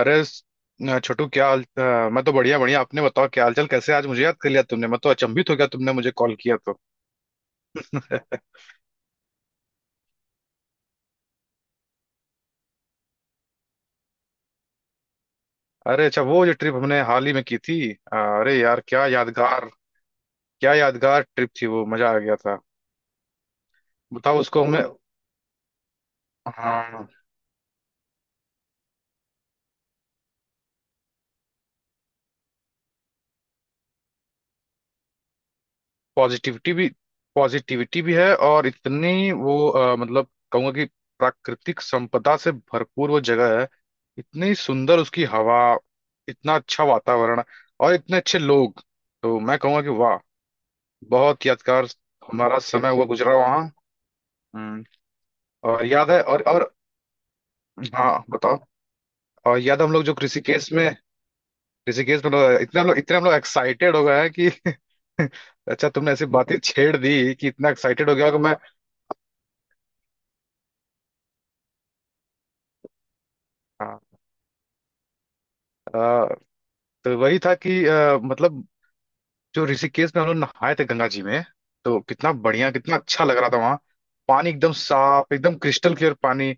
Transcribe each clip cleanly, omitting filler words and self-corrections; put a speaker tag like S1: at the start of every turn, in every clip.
S1: अरे न, छोटू क्या हाल। मैं तो बढ़िया बढ़िया। आपने बताओ क्या हालचाल? कैसे आज मुझे याद कर लिया तुमने? मैं तो अचंभित हो गया तुमने मुझे कॉल किया तो। अरे अच्छा, वो जो ट्रिप हमने हाल ही में की थी, अरे यार क्या यादगार ट्रिप थी वो, मजा आ गया था। बताओ उसको हमें। हाँ। पॉजिटिविटी भी पॉजिटिविटी भी है, और इतनी वो, मतलब कहूंगा कि प्राकृतिक संपदा से भरपूर वो जगह है। इतनी सुंदर उसकी हवा, इतना अच्छा वातावरण, और इतने अच्छे लोग। तो मैं कहूंगा कि वाह, बहुत यादगार हमारा समय हुआ गुजरा वहाँ। हम्म, और याद है, और। हाँ बताओ। और याद है, हम लोग जो ऋषिकेश में हम लोग- इतना हम लोग इतने हम लोग एक्साइटेड हो गए हैं कि अच्छा, तुमने ऐसी बातें छेड़ दी कि इतना एक्साइटेड हो गया कि मैं। हाँ। अ, तो वही था कि, मतलब जो ऋषिकेश में हम लोग नहाए थे गंगा जी में, तो कितना बढ़िया, कितना अच्छा लग रहा था वहाँ। पानी एकदम साफ, एकदम क्रिस्टल क्लियर पानी।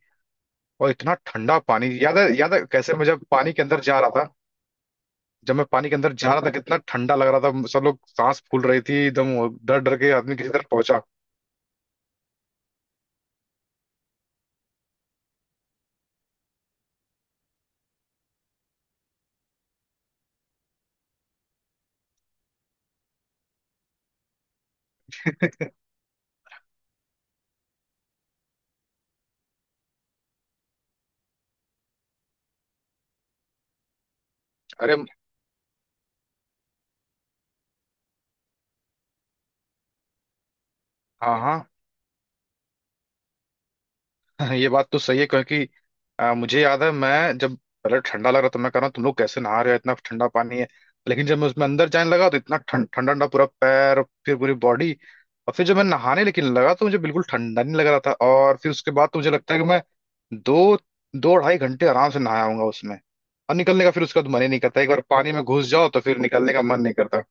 S1: और इतना ठंडा पानी। याद है कैसे मैं जब पानी के अंदर जा रहा था। जब मैं पानी के अंदर जा रहा था कितना ठंडा लग रहा था, सब लोग सांस फूल रही थी एकदम। डर डर के आदमी किसी तरह पहुंचा। अरे हाँ हाँ। ये बात तो सही है, क्योंकि, मुझे याद है मैं जब पहले ठंडा लग रहा था तो मैं कह रहा हूँ तुम लोग कैसे नहा रहे हो, इतना ठंडा पानी है। लेकिन जब मैं उसमें अंदर जाने लगा तो इतना ठंडा ठंडा, पूरा पैर फिर पूरी बॉडी। और फिर जब मैं नहाने लेकिन लगा तो मुझे बिल्कुल ठंडा नहीं लग रहा था। और फिर उसके बाद तो मुझे लगता है कि मैं दो 2-2.5 घंटे आराम से नहाया होऊंगा उसमें। और निकलने का फिर उसका तो मन ही नहीं करता, एक बार पानी में घुस जाओ तो फिर निकलने का मन नहीं करता।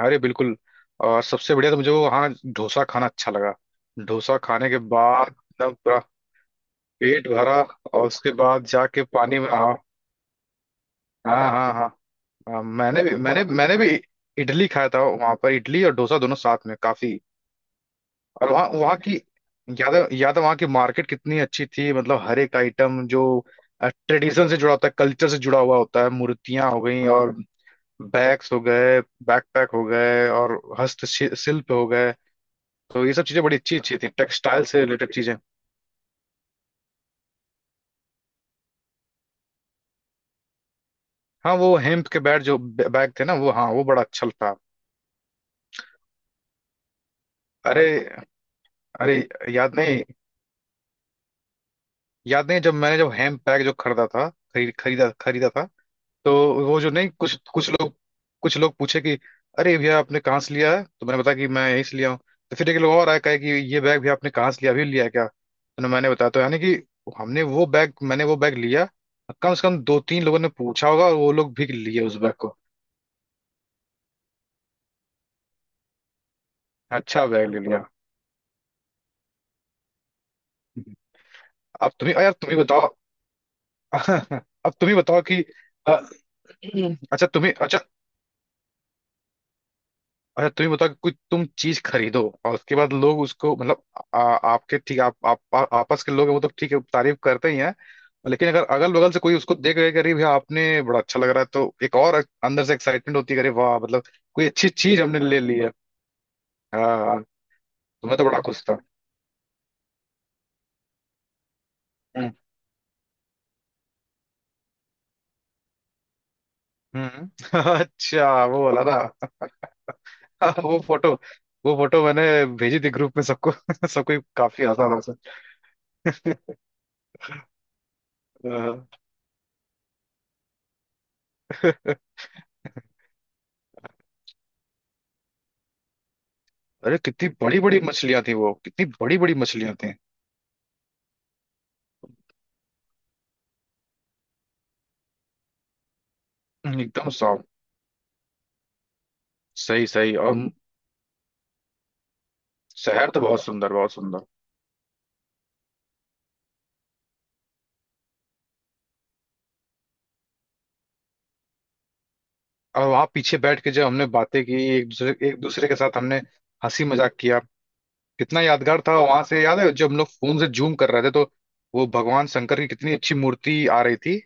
S1: अरे बिल्कुल। और सबसे बढ़िया तो मुझे वो, हाँ, डोसा खाना अच्छा लगा। डोसा खाने के बाद एकदम पूरा पेट भरा और उसके बाद जाके पानी में, हाँ। हाँ हाँ हाँ हाँ, मैंने भी इडली खाया था वहां पर, इडली और डोसा दोनों साथ में काफी। और वहाँ वहाँ की, याद है वहाँ की मार्केट कितनी अच्छी थी। मतलब हर एक आइटम जो ट्रेडिशन से जुड़ा होता है, कल्चर से जुड़ा हुआ होता है। मूर्तियां हो गई, और बैग्स हो गए, बैकपैक हो गए और हस्तशिल्प हो गए। तो ये सब चीजें बड़ी अच्छी अच्छी थी, टेक्सटाइल से रिलेटेड चीजें। हाँ वो हेम्प के बैग, जो बैग थे ना वो, हाँ वो बड़ा अच्छा था। अरे अरे। याद नहीं, याद नहीं जब मैंने जब हेम्प बैग जो खरीदा था, खरीदा था। तो वो जो, नहीं, कुछ कुछ लोग पूछे कि अरे भैया आपने कहाँ से लिया है, तो मैंने बताया कि मैं यहीं से लिया हूँ। तो फिर एक लोग और आया, कहे कि ये बैग भी आपने कहाँ से लिया, अभी लिया है क्या? तो मैंने बताया, तो यानी कि हमने वो बैग मैंने वो बैग लिया। कम से कम 2-3 लोगों ने पूछा होगा और वो लोग भी लिए उस बैग को। अच्छा बैग ले लिया। अब तुम्हें यार, तुम ही बताओ। अब तुम ही बताओ कि अ, अच्छा तुम्हें अच्छा अच्छा तुम ही बताओ कि कोई तुम चीज खरीदो और उसके बाद लोग उसको, मतलब आ, आपके ठीक आप, आ, आपस के लोग हैं वो तो ठीक है, तारीफ करते ही हैं। लेकिन अगर अगल बगल से कोई उसको देख रहे कि अरे भैया आपने बड़ा अच्छा लग रहा है, तो एक और अंदर से एक्साइटमेंट होती है कि अरे वाह, मतलब कोई अच्छी चीज हमने ले ली है। हाँ। तो मैं तो बड़ा खुश था। हम्म अच्छा, वो वाला ना। हाँ, वो फोटो मैंने भेजी थी ग्रुप में सबको। सबको ही काफी हंसा हंसा। हाँ। अरे कितनी बड़ी बड़ी मछलियां थी वो, कितनी बड़ी बड़ी मछलियां थी। एकदम सॉफ्ट। सही सही। और शहर तो बहुत सुंदर, बहुत सुंदर। और वहां पीछे बैठ के जब हमने बातें की, एक दूसरे के साथ हमने हंसी मजाक किया। कितना यादगार था वहां से। याद है जब हम लोग फोन से जूम कर रहे थे? तो वो भगवान शंकर की कितनी अच्छी मूर्ति आ रही थी,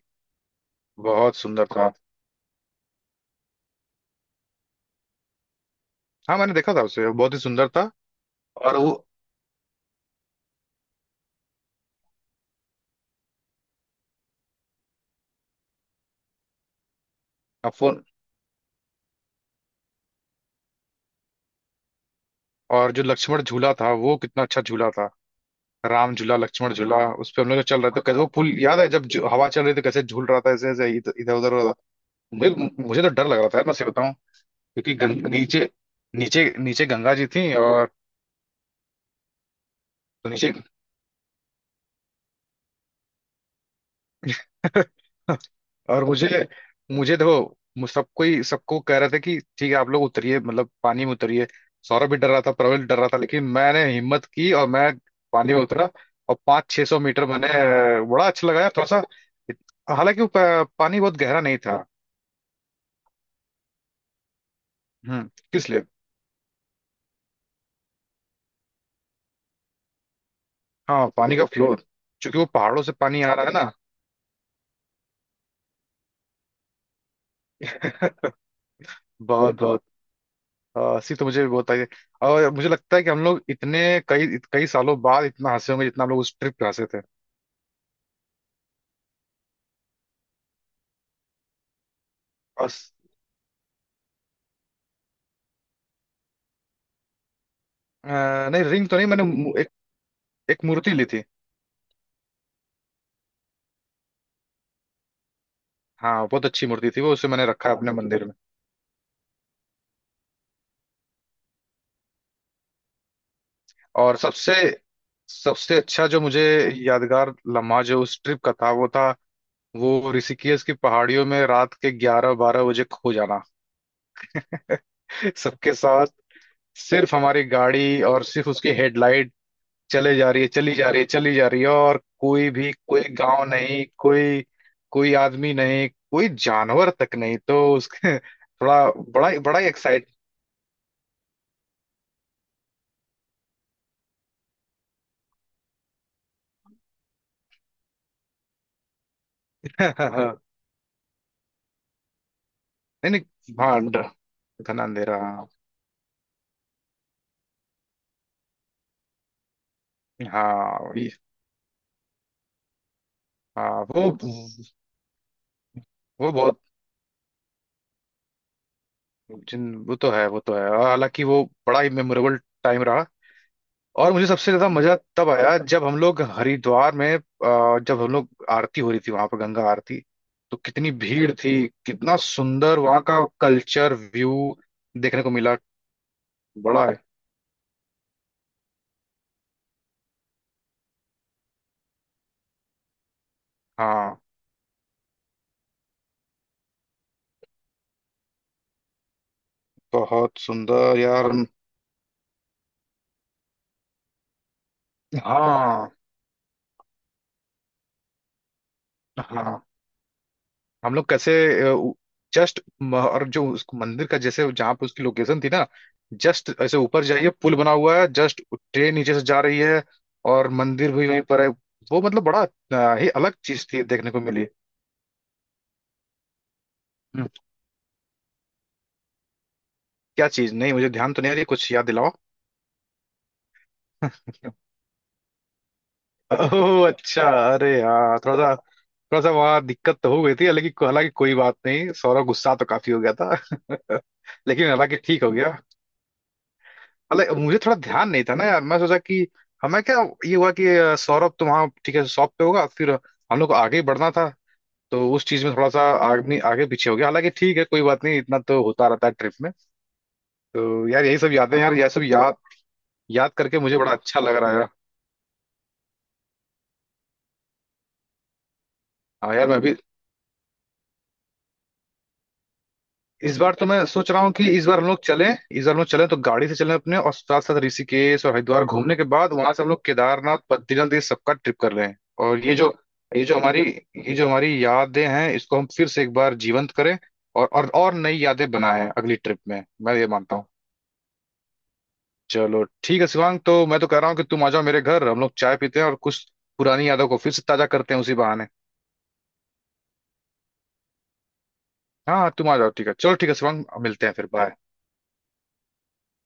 S1: बहुत सुंदर था। हाँ मैंने देखा था उसे, बहुत ही सुंदर था। और वो फोन। और जो लक्ष्मण झूला था, वो कितना अच्छा झूला था। राम झूला, लक्ष्मण झूला। उस पे हम लोग चल रहे थे, कैसे वो पुल याद है जब हवा चल रही थी, कैसे झूल रहा था, ऐसे ऐसे इधर उधर हो रहा था। मुझे मुझे तो डर लग रहा था यार, मैं सही बताऊं? क्योंकि नीचे, नीचे नीचे गंगा जी थी और, तो नीचे। और मुझे मुझे देखो, सब कोई सबको कह रहा था कि ठीक है आप लोग उतरिए, मतलब पानी में उतरिए। सौरभ भी डर रहा था, प्रबल डर रहा था, लेकिन मैंने हिम्मत की और मैं पानी में उतरा। और 500-600 मीटर मैंने, बड़ा अच्छा लगाया थोड़ा सा। हालांकि वो पानी बहुत गहरा नहीं था। हम्म, किस लिए? हाँ, पानी का फ्लो, क्योंकि वो पहाड़ों से पानी आ रहा है ना। बहुत बहुत, हंसी तो मुझे भी बहुत आई है। और मुझे लगता है कि हम लोग इतने कई कई सालों बाद इतना हंसे होंगे, जितना हम लोग उस ट्रिप पे हंसे थे। नहीं, रिंग तो नहीं, मैंने एक एक मूर्ति ली थी। हाँ, बहुत अच्छी मूर्ति थी वो, उसे मैंने रखा है अपने मंदिर में। और सबसे सबसे अच्छा जो मुझे यादगार लम्हा जो उस ट्रिप का था वो था, वो ऋषिकेश की पहाड़ियों में रात के 11-12 बजे खो जाना। सबके साथ, सिर्फ हमारी गाड़ी और सिर्फ उसकी हेडलाइट चले जा रही है, चली जा रही है, चली जा रही है, और कोई भी, कोई गांव नहीं, कोई कोई आदमी नहीं, कोई जानवर तक नहीं। तो उसके थोड़ा बड़ा बड़ा। हाँ, हाँ हाँ। नहीं नहीं, हाँ, घना अंधेरा, हाँ हाँ, हाँ, वो बहुत जिन, वो तो है, वो तो है। और हालांकि वो बड़ा ही मेमोरेबल टाइम रहा। और मुझे सबसे ज्यादा मजा तब आया जब हम लोग आरती हो रही थी वहां पर, गंगा आरती। तो कितनी भीड़ थी, कितना सुंदर वहां का कल्चर व्यू देखने को मिला। बड़ा है। हाँ, बहुत सुंदर यार। हाँ हाँ। हम लोग कैसे जस्ट और जो उस मंदिर का, जैसे जहाँ पे उसकी लोकेशन थी ना, जस्ट ऐसे ऊपर जाइए, पुल बना हुआ है, जस्ट ट्रेन नीचे से जा रही है और मंदिर भी वहीं पर है। वो मतलब बड़ा, ही अलग चीज थी देखने को मिली। हम्म, क्या चीज? नहीं, मुझे ध्यान तो नहीं आ रही, कुछ याद दिलाओ। ओह अच्छा। अरे यार, थोड़ा सा वहाँ दिक्कत तो हो गई थी, हालांकि हालांकि कोई बात नहीं, सौरव गुस्सा तो काफी हो गया था। लेकिन हालांकि ठीक हो गया। अरे मुझे थोड़ा ध्यान नहीं था ना यार, मैं सोचा कि हमें क्या ये हुआ कि, सौरभ तो वहाँ ठीक है, शॉप पे होगा फिर, हम लोग को आगे ही बढ़ना था। तो उस चीज में थोड़ा सा आगे आगे पीछे हो गया। हालांकि ठीक है, कोई बात नहीं, इतना तो होता रहता है ट्रिप में। तो यार यही सब यादें, यार यह सब याद याद करके मुझे बड़ा अच्छा लग रहा है यार। हाँ यार, मैं भी। इस बार तो मैं सोच रहा हूँ कि इस बार हम लोग चलें तो गाड़ी से चलें अपने, और साथ साथ ऋषिकेश और हरिद्वार घूमने के बाद वहां से हम लोग केदारनाथ, बद्रीनाथ, ये सबका ट्रिप कर रहे हैं। और ये जो हमारी ये जो हमारी यादें हैं, इसको हम फिर से एक बार जीवंत करें, और नई यादें बनाएं अगली ट्रिप में, मैं ये मानता हूँ। चलो ठीक है शिवांग, तो मैं तो कह रहा हूँ कि तुम आ जाओ मेरे घर, हम लोग चाय पीते हैं और कुछ पुरानी यादों को फिर से ताजा करते हैं उसी बहाने। हाँ हाँ, तुम आ जाओ, ठीक है। चलो ठीक है शिवांग, मिलते हैं फिर। बाय।